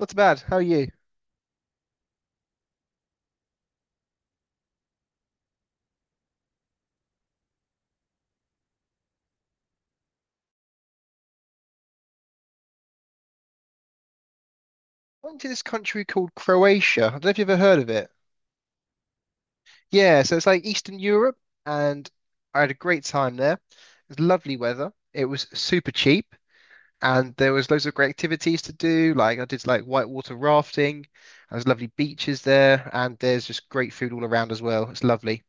Not too bad. How are you? I went to this country called Croatia. I don't know if you've ever heard of it. Yeah, so it's like Eastern Europe, and I had a great time there. It was lovely weather. It was super cheap, and there was loads of great activities to do. Like I did like whitewater rafting. And there's lovely beaches there, and there's just great food all around as well. It's lovely.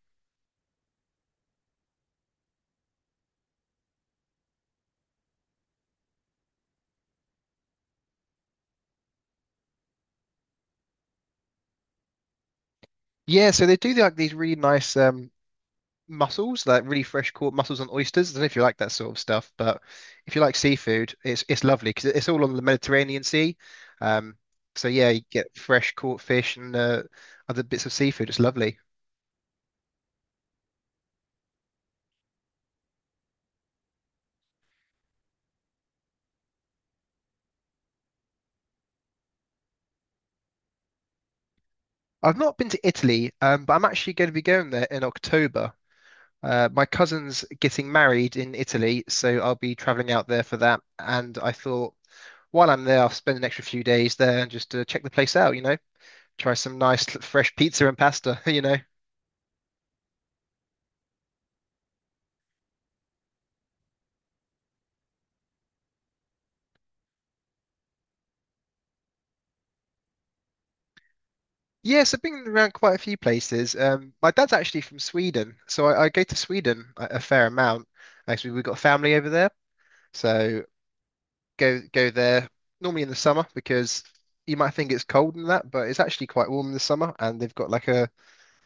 Yeah, so they do like these really nice mussels, like really fresh caught mussels and oysters. I don't know if you like that sort of stuff, but if you like seafood, it's lovely because it's all on the Mediterranean Sea. Um, so yeah, you get fresh caught fish and other bits of seafood. It's lovely. I've not been to Italy, but I'm actually going to be going there in October. My cousin's getting married in Italy, so I'll be traveling out there for that. And I thought while I'm there, I'll spend an extra few days there and just check the place out, you know, try some nice fresh pizza and pasta, you know. Yes, I've been around quite a few places. My dad's actually from Sweden, so I go to Sweden a fair amount. Actually, we've got family over there, so go there normally in the summer because you might think it's cold and that, but it's actually quite warm in the summer. And they've got like a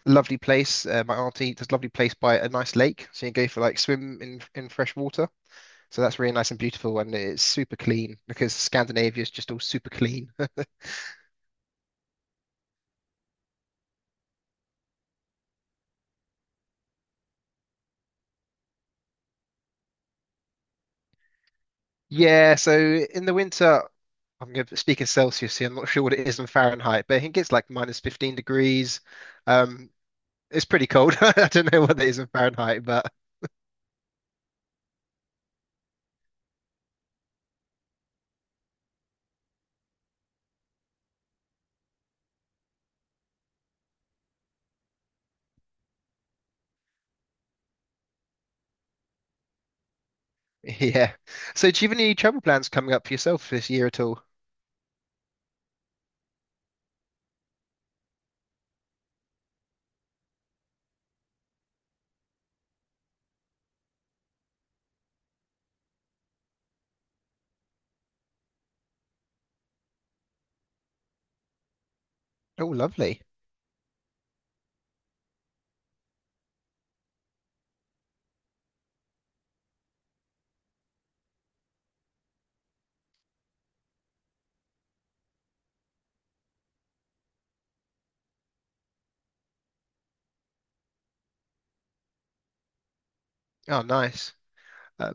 lovely place. My auntie does a lovely place by a nice lake, so you can go for like swim in fresh water. So that's really nice and beautiful, and it's super clean because Scandinavia is just all super clean. Yeah, so in the winter. I'm going to speak in Celsius here. I'm not sure what it is in Fahrenheit, but I think it's like minus 15 degrees. Um, it's pretty cold. I don't know what it is in Fahrenheit, but yeah. So, do you have any travel plans coming up for yourself this year at all? Oh, lovely. Oh, nice. Uh,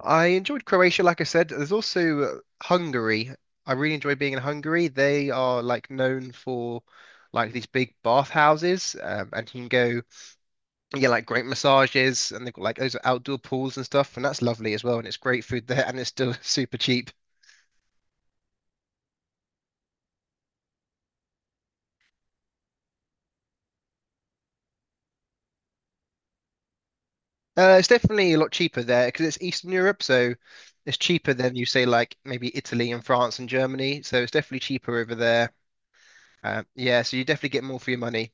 I enjoyed Croatia, like I said. There's also Hungary. I really enjoy being in Hungary. They are like known for like these big bathhouses, and you can go. Yeah, like great massages, and they've got like those outdoor pools and stuff, and that's lovely as well. And it's great food there, and it's still super cheap. It's definitely a lot cheaper there because it's Eastern Europe, so it's cheaper than you say like maybe Italy and France and Germany. So it's definitely cheaper over there. Yeah, so you definitely get more for your money.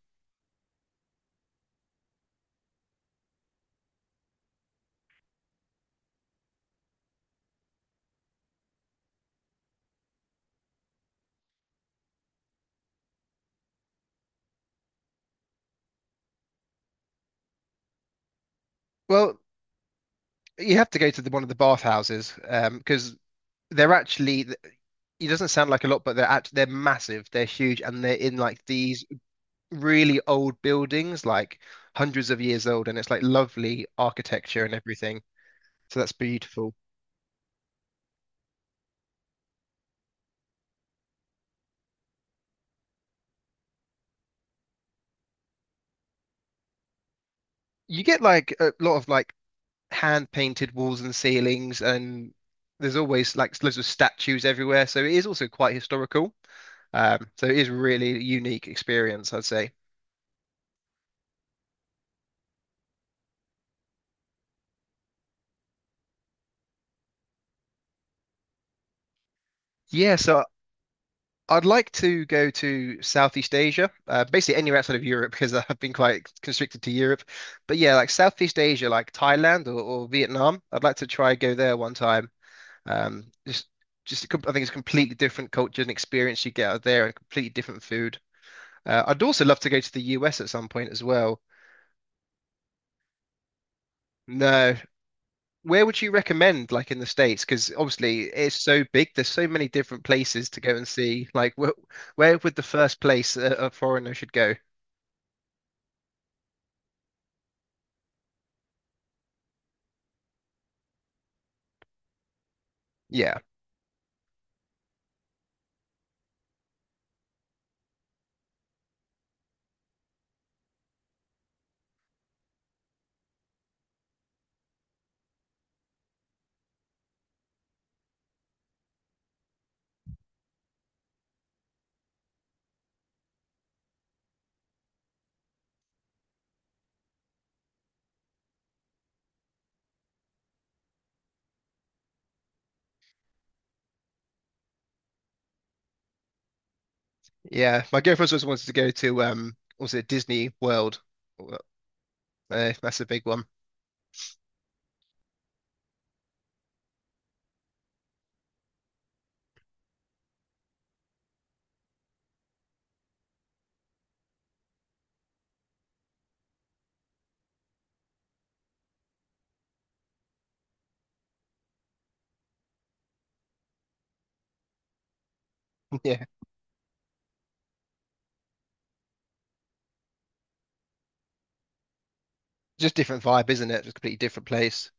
Well, you have to go to one of the bathhouses because they're actually, it doesn't sound like a lot, but they're massive, they're huge, and they're in like these really old buildings, like hundreds of years old, and it's like lovely architecture and everything. So that's beautiful. You get like a lot of like hand painted walls and ceilings, and there's always like loads of statues everywhere. So it is also quite historical. So it is really a unique experience, I'd say. Yeah, so I'd like to go to Southeast Asia, basically anywhere outside of Europe because I've been quite constricted to Europe. But yeah, like Southeast Asia, like Thailand or Vietnam, I'd like to try go there one time. Um, just, just I think it's a completely different culture and experience you get out there, and completely different food. I'd also love to go to the US at some point as well. No, where would you recommend, like in the States? Because obviously it's so big. There's so many different places to go and see. Like, wh where would the first place a foreigner should go? Yeah. Yeah, my girlfriend also wants to go to also Disney World? Uh, that's a big one. Yeah, just different vibe, isn't it? Just completely different place.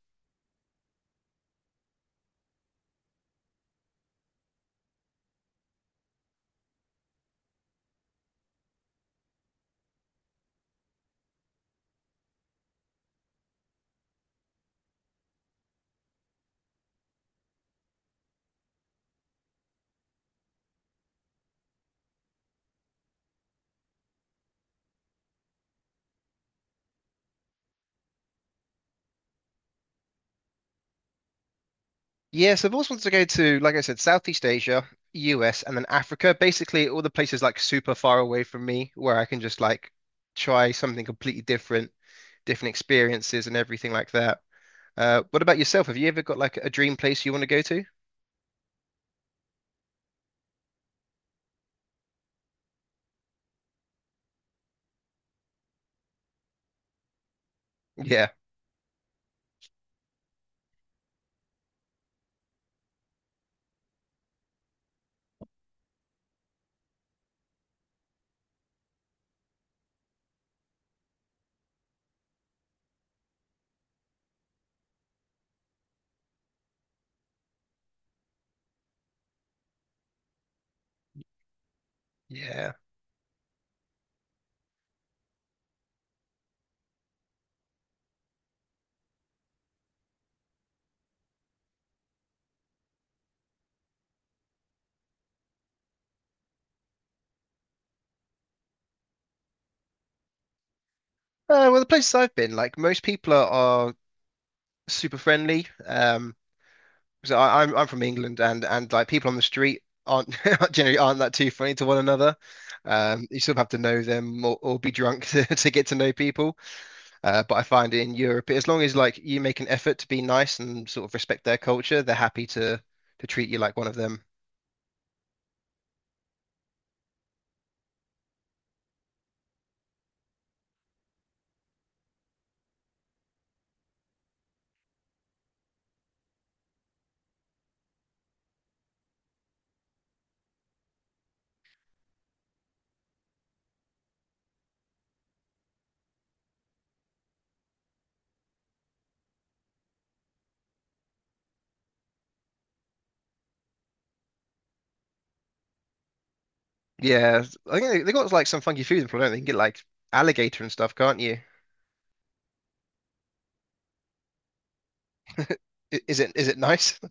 Yes, I've always wanted to go to, like I said, Southeast Asia, US, and then Africa. Basically, all the places like super far away from me, where I can just like try something completely different, different experiences and everything like that. What about yourself? Have you ever got like a dream place you want to go to? Yeah, yeah. Well, the places I've been, like most people are super friendly. So I'm from England, and like people on the street aren't generally aren't that too funny to one another. You sort of have to know them or be drunk to get to know people. But I find in Europe, as long as like you make an effort to be nice and sort of respect their culture, they're happy to treat you like one of them. Yeah, I think they got like some funky food in Florida. They you can get like alligator and stuff, can't you? Is it nice?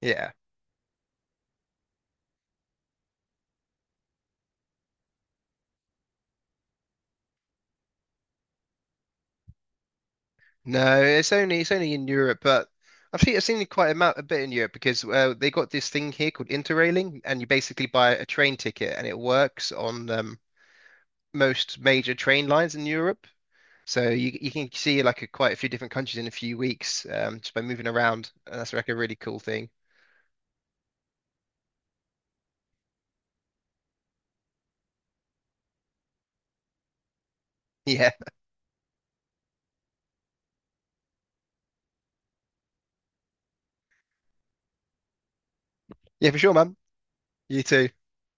Yeah. No, it's only in Europe, but I've seen it quite a bit in Europe because they got this thing here called Interrailing, and you basically buy a train ticket, and it works on most major train lines in Europe. So you can see like quite a few different countries in a few weeks just by moving around, and that's like a really cool thing. Yeah, yeah, for sure, man. You too.